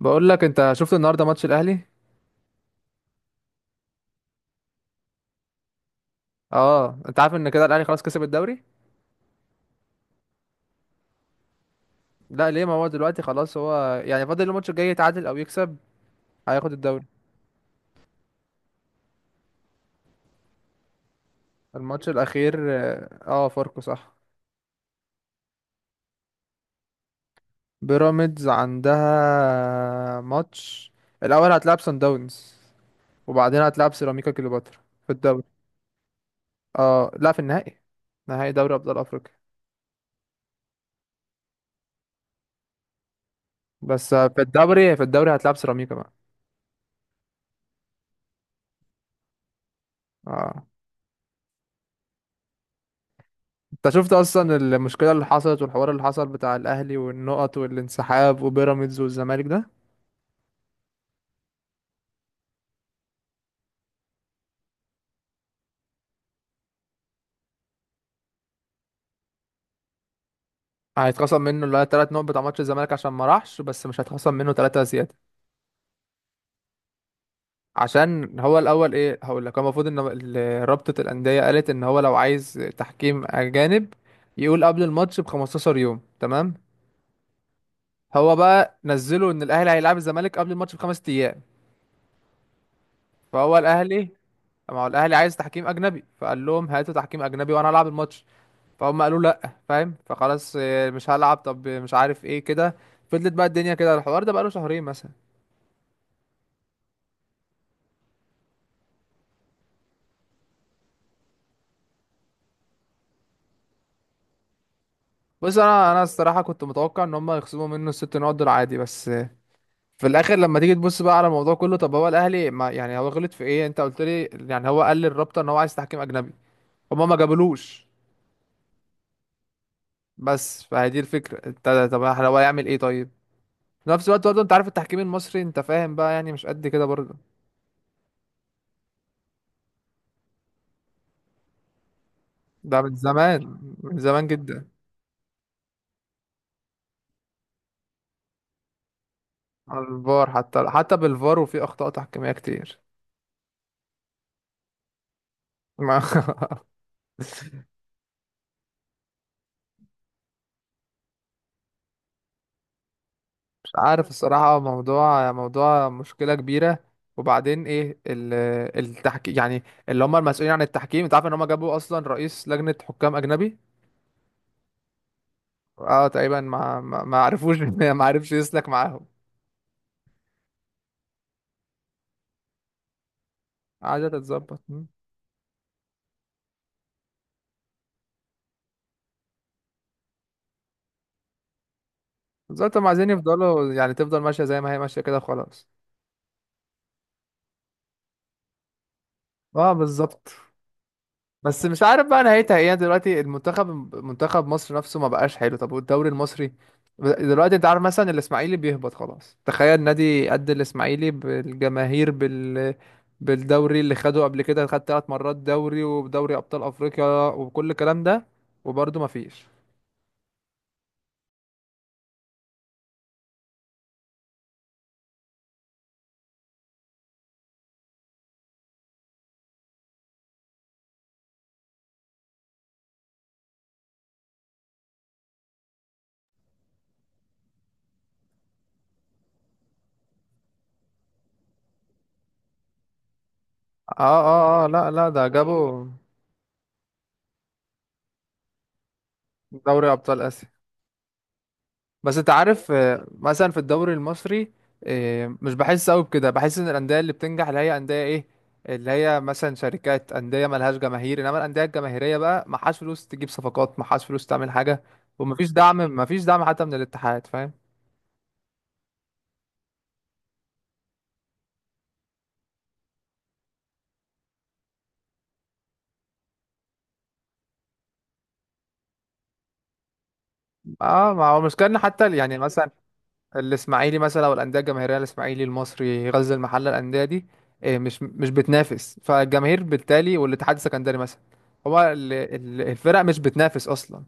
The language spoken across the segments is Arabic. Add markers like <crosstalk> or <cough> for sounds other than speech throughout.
بقول لك انت شفت النهارده ماتش الاهلي. اه، انت عارف ان كده الاهلي خلاص كسب الدوري. لا ليه، ما هو دلوقتي خلاص، هو يعني فاضل الماتش الجاي، يتعادل او يكسب هياخد الدوري. الماتش الاخير. اه فاركو صح. بيراميدز عندها ماتش، الاول هتلعب سان داونز وبعدين هتلعب سيراميكا كليوباترا في الدوري. اه لا، في النهائي، نهائي دوري ابطال افريقيا. بس في الدوري، في الدوري هتلعب سيراميكا بقى. اه، انت شفت اصلا المشكله اللي حصلت والحوار اللي حصل بتاع الاهلي والنقط والانسحاب وبيراميدز والزمالك ده. هيتخصم منه اللي هي تلات نقط بتاع ماتش الزمالك عشان ما راحش، بس مش هيتخصم منه تلاتة زياده. عشان هو الاول ايه، هقول لك، هو المفروض ان رابطه الانديه قالت ان هو لو عايز تحكيم اجانب يقول قبل الماتش ب 15 يوم، تمام. هو بقى نزله ان الاهلي هيلعب الزمالك قبل الماتش بخمس ايام، فهو الاهلي، ما هو الاهلي عايز تحكيم اجنبي، فقال لهم هاتوا تحكيم اجنبي وانا العب الماتش. فهم قالوا لا فاهم، فخلاص مش هلعب، طب مش عارف ايه كده. فضلت بقى الدنيا كده، الحوار ده بقاله شهرين مثلا. بص انا الصراحه كنت متوقع ان هم يخصموا منه الست نقط دول عادي، بس في الاخر لما تيجي تبص بقى على الموضوع كله، طب هو الاهلي ما يعني، هو غلط في ايه؟ انت قلت لي يعني هو قال للرابطه ان هو عايز تحكيم اجنبي، هم ما جابلوش. بس فهي دي الفكره، انت طب هو يعمل ايه طيب؟ في نفس الوقت برضه انت عارف التحكيم المصري، انت فاهم بقى يعني مش قد كده برضه. ده من زمان، من زمان جدا. على الفار، حتى حتى بالفار وفي اخطاء تحكيميه كتير. ما- <laughs> مش عارف الصراحه، موضوع موضوع مشكله كبيره. وبعدين ايه التحكيم يعني، اللي هم المسؤولين عن التحكيم، انت عارف ان هم جابوا اصلا رئيس لجنه حكام اجنبي. اه تقريبا ما عرفوش، <laughs> ما عرفش يسلك معاهم. عايزه تتظبط. بالظبط، هم عايزين يفضلوا يعني تفضل ماشيه زي ما هي ماشيه كده خلاص. اه بالظبط. بس مش عارف بقى نهايتها ايه، يعني دلوقتي المنتخب، منتخب مصر نفسه ما بقاش حلو. طب والدوري المصري دلوقتي، انت عارف مثلا الاسماعيلي بيهبط خلاص، تخيل نادي قد الاسماعيلي بالجماهير بال، بالدوري اللي خده قبل كده، خد ثلاث مرات دوري ودوري ابطال افريقيا وكل الكلام ده، وبرضه ما فيش. اه اه اه لا لا، ده جابوا دوري ابطال اسيا. بس انت عارف مثلا في الدوري المصري، مش بحس قوي بكده، بحس ان الانديه اللي بتنجح اللي هي انديه ايه، اللي هي مثلا شركات، انديه ملهاش جماهير، انما الانديه الجماهيريه بقى معهاش فلوس تجيب صفقات، معهاش فلوس تعمل حاجه. ومفيش دعم، مفيش دعم حتى من الاتحاد، فاهم. اه، ما هو المشكله ان حتى يعني مثلا الاسماعيلي مثلا او الانديه الجماهيريه، الاسماعيلي، المصري، غزل المحله، الانديه دي مش مش بتنافس فالجماهير، بالتالي والاتحاد السكندري مثلا، هو الفرق مش بتنافس اصلا.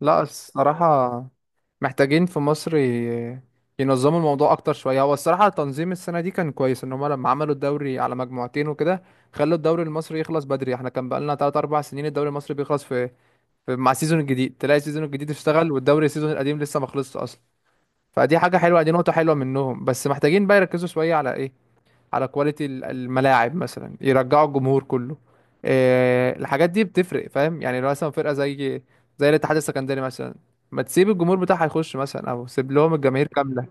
لا الصراحة محتاجين في مصر ينظموا الموضوع أكتر شوية. هو الصراحة تنظيم السنة دي كان كويس، إن هما لما عملوا الدوري على مجموعتين وكده، خلوا الدوري المصري يخلص بدري. احنا كان بقالنا تلات أربع سنين الدوري المصري بيخلص في, في مع السيزون الجديد، تلاقي السيزون الجديد اشتغل والدوري السيزون القديم لسه ما خلصش أصلا. فدي حاجة حلوة، دي نقطة حلوة منهم. بس محتاجين بقى يركزوا شوية على إيه، على كواليتي الملاعب مثلا، يرجعوا الجمهور كله. إيه، الحاجات دي بتفرق، فاهم يعني؟ لو مثلا فرقة زي زي الاتحاد السكندري مثلا، ما تسيب الجمهور بتاعها يخش مثلا، او سيب لهم الجماهير كاملة.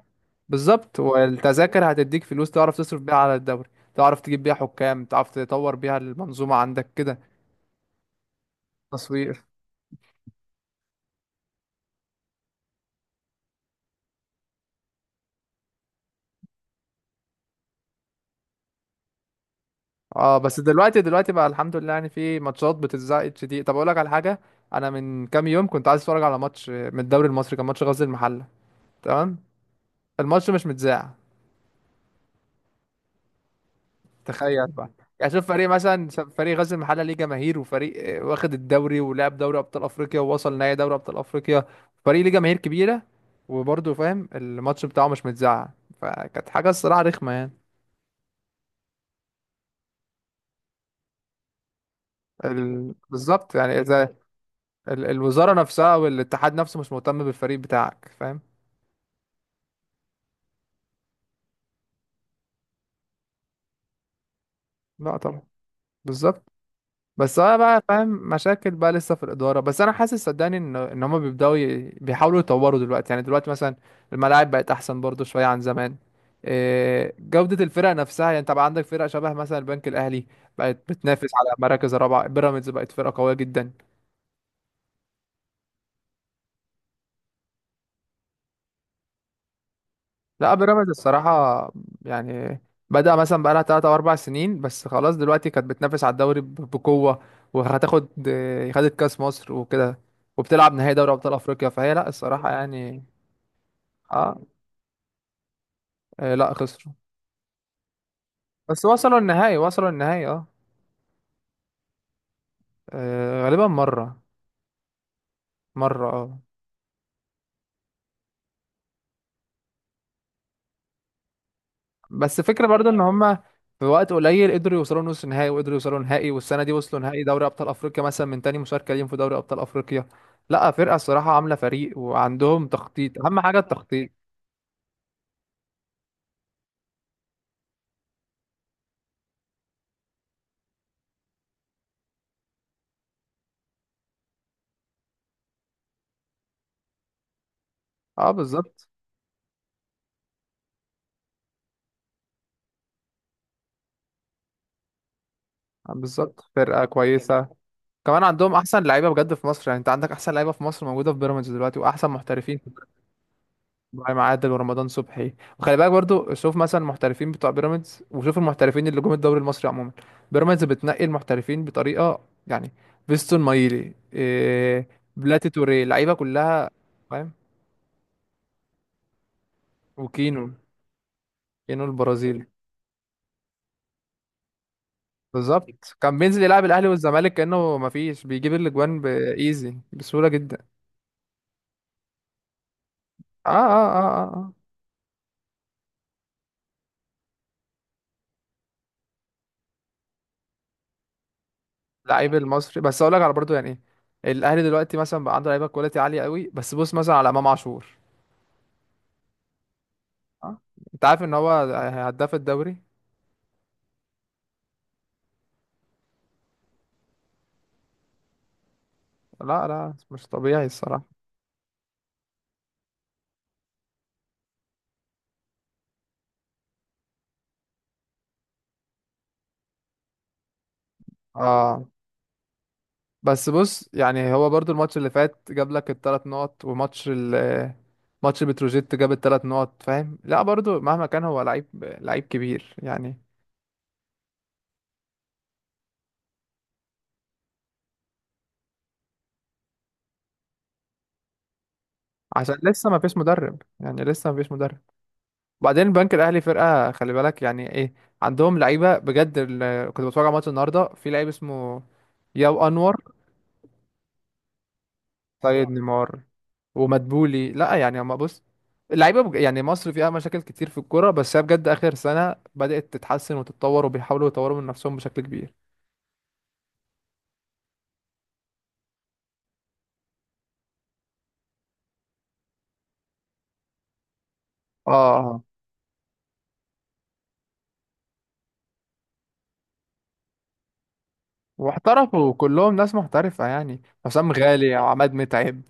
بالظبط، والتذاكر هتديك فلوس تعرف تصرف بيها على الدوري، تعرف تجيب بيها حكام، تعرف تطور بيها المنظومة عندك كده. تصوير. اه بس دلوقتي، دلوقتي بقى الحمد لله يعني في ماتشات بتتذاع HD. طب اقول لك على حاجة، انا من كام يوم كنت عايز اتفرج على ماتش من الدوري المصري، كان ماتش غزل المحلة، تمام، الماتش مش متذاع. تخيل بقى، يعني شوف فريق مثلا فريق غزل المحله ليه جماهير، وفريق واخد الدوري ولعب دوري ابطال افريقيا ووصل نهائي دوري ابطال افريقيا، فريق ليه جماهير كبيره، وبرضه فاهم الماتش بتاعه مش متذاع. فكانت حاجه الصراحه رخمه يعني. بالظبط يعني، اذا الوزاره نفسها والاتحاد نفسه مش مهتم بالفريق بتاعك، فاهم. لا طبعا. بالظبط. بس انا بقى فاهم مشاكل بقى لسه في الاداره، بس انا حاسس صدقني ان ان هم بيبداوا بيحاولوا يطوروا دلوقتي، يعني دلوقتي مثلا الملاعب بقت احسن برضو شويه عن زمان. إيه، جوده الفرق نفسها، يعني انت بقى عندك فرق شبه مثلا البنك الاهلي، بقت بتنافس على مراكز الرابعه، بيراميدز بقت فرقه قويه جدا. لا بيراميدز الصراحه يعني، بدا مثلا بقى لها 3 او 4 سنين بس خلاص، دلوقتي كانت بتنافس على الدوري بقوه، وهتاخد إيه، خدت كاس مصر وكده، وبتلعب نهائي دوري ابطال افريقيا، فهي لا الصراحه يعني. اه لا خسروا. بس وصلوا النهائي، وصلوا النهائي اه. غالبا مرة. مرة اه. بس فكرة برضو ان هما في وقت قليل قدروا يوصلوا نص نهائي، وقدروا يوصلوا نهائي، والسنة دي وصلوا نهائي دوري ابطال افريقيا مثلا من تاني مشاركة ليهم في دوري ابطال افريقيا. لا فرقة الصراحة عاملة فريق، وعندهم تخطيط، اهم حاجة التخطيط. اه بالظبط. بالظبط فرقة كويسة. كمان عندهم احسن لعيبة بجد في مصر، يعني انت عندك احسن لعيبة في مصر موجودة في بيراميدز دلوقتي، واحسن محترفين. ابراهيم عادل ورمضان صبحي. وخلي بالك برضو شوف مثلا المحترفين بتوع بيراميدز، وشوف المحترفين اللي جم الدوري المصري عموما. بيراميدز بتنقي المحترفين بطريقه، يعني فيستون مايلي، إيه، بلاتي توريه، لعيبه كلها فاهم. وكينو، كينو البرازيلي. بالظبط، كان بينزل يلعب الاهلي والزمالك كانه ما فيش، بيجيب الاجوان بايزي بسهوله جدا. اه اه اه اه آه. لعيب المصري، بس اقول لك على برضو يعني، ايه الاهلي دلوقتي مثلا بقى عنده لعيبه كواليتي عاليه قوي، بس بص مثلا على امام عاشور. اه انت عارف ان هو هداف الدوري. لا لا، مش طبيعي الصراحة. اه بس بص، يعني هو برضو الماتش اللي فات جاب لك الثلاث نقط، وماتش ماتش بتروجيت جاب الثلاث نقط، فاهم. لا برضو مهما كان هو لعيب، لعيب كبير يعني. عشان لسه ما فيش مدرب، يعني لسه ما فيش مدرب. وبعدين البنك الاهلي فرقة، خلي بالك يعني، ايه، عندهم لعيبة بجد. كنت بتفرج على ماتش النهاردة، في لعيب اسمه ياو انور، سيد نيمار ومدبولي. لا يعني ما بص، اللعيبه يعني مصر فيها مشاكل كتير في الكوره، بس هي بجد اخر سنه بدات تتحسن وتتطور وبيحاولوا يطوروا من نفسهم بشكل كبير. اه واحترفوا كلهم ناس محترفه يعني، حسام غالي، عماد متعب،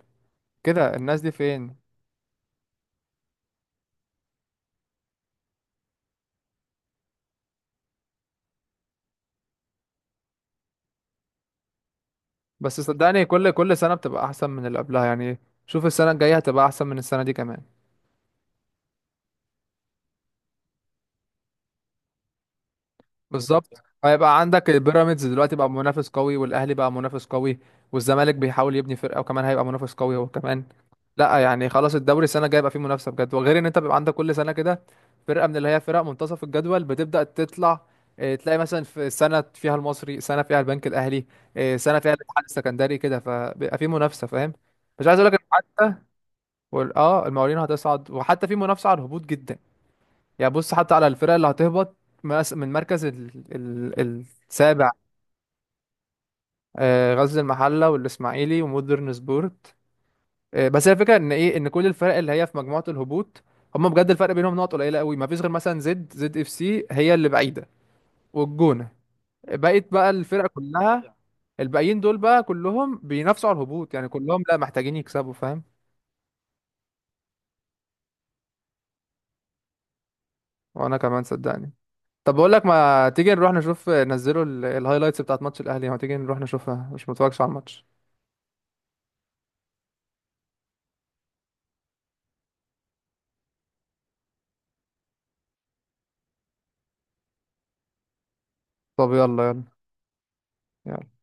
كده الناس دي فين. بس صدقني كل كل سنه بتبقى احسن من اللي قبلها يعني، شوف السنه الجايه هتبقى احسن من السنه دي كمان. بالظبط، هيبقى عندك البيراميدز دلوقتي بقى منافس قوي، والاهلي بقى منافس قوي، والزمالك بيحاول يبني فرقه وكمان هيبقى منافس قوي هو كمان. لا يعني خلاص، الدوري السنه الجايه يبقى فيه منافسه بجد، وغير ان انت بيبقى عندك كل سنه كده فرقه من اللي هي فرق منتصف الجدول بتبدا تطلع. إيه، تلاقي مثلا في سنه فيها المصري، سنه فيها البنك الاهلي، إيه، سنه فيها الاتحاد السكندري كده، فبيبقى فيه منافسه فاهم. مش عايز اقول لك حتى اه المقاولين هتصعد، وحتى في منافسه على الهبوط جدا يعني، بص حتى على الفرق اللي هتهبط من مركز ال... السابع. غزل المحله والاسماعيلي ومودرن سبورت. بس هي الفكره ان ايه، ان كل الفرق اللي هي في مجموعه الهبوط هم بجد الفرق بينهم نقط قليله قوي، ما فيش غير مثلا ZED ZED FC هي اللي بعيده والجونه، بقيت بقى الفرق كلها، الباقيين دول بقى كلهم بينافسوا على الهبوط يعني، كلهم لا محتاجين يكسبوا فاهم. وانا كمان صدقني. طب بقول لك ما تيجي نروح نشوف نزلوا الهايلايتس بتاعت ماتش الاهلي، ما تيجي نروح نشوفها، مش متفرجش على الماتش. طب يلا يلا. يلا.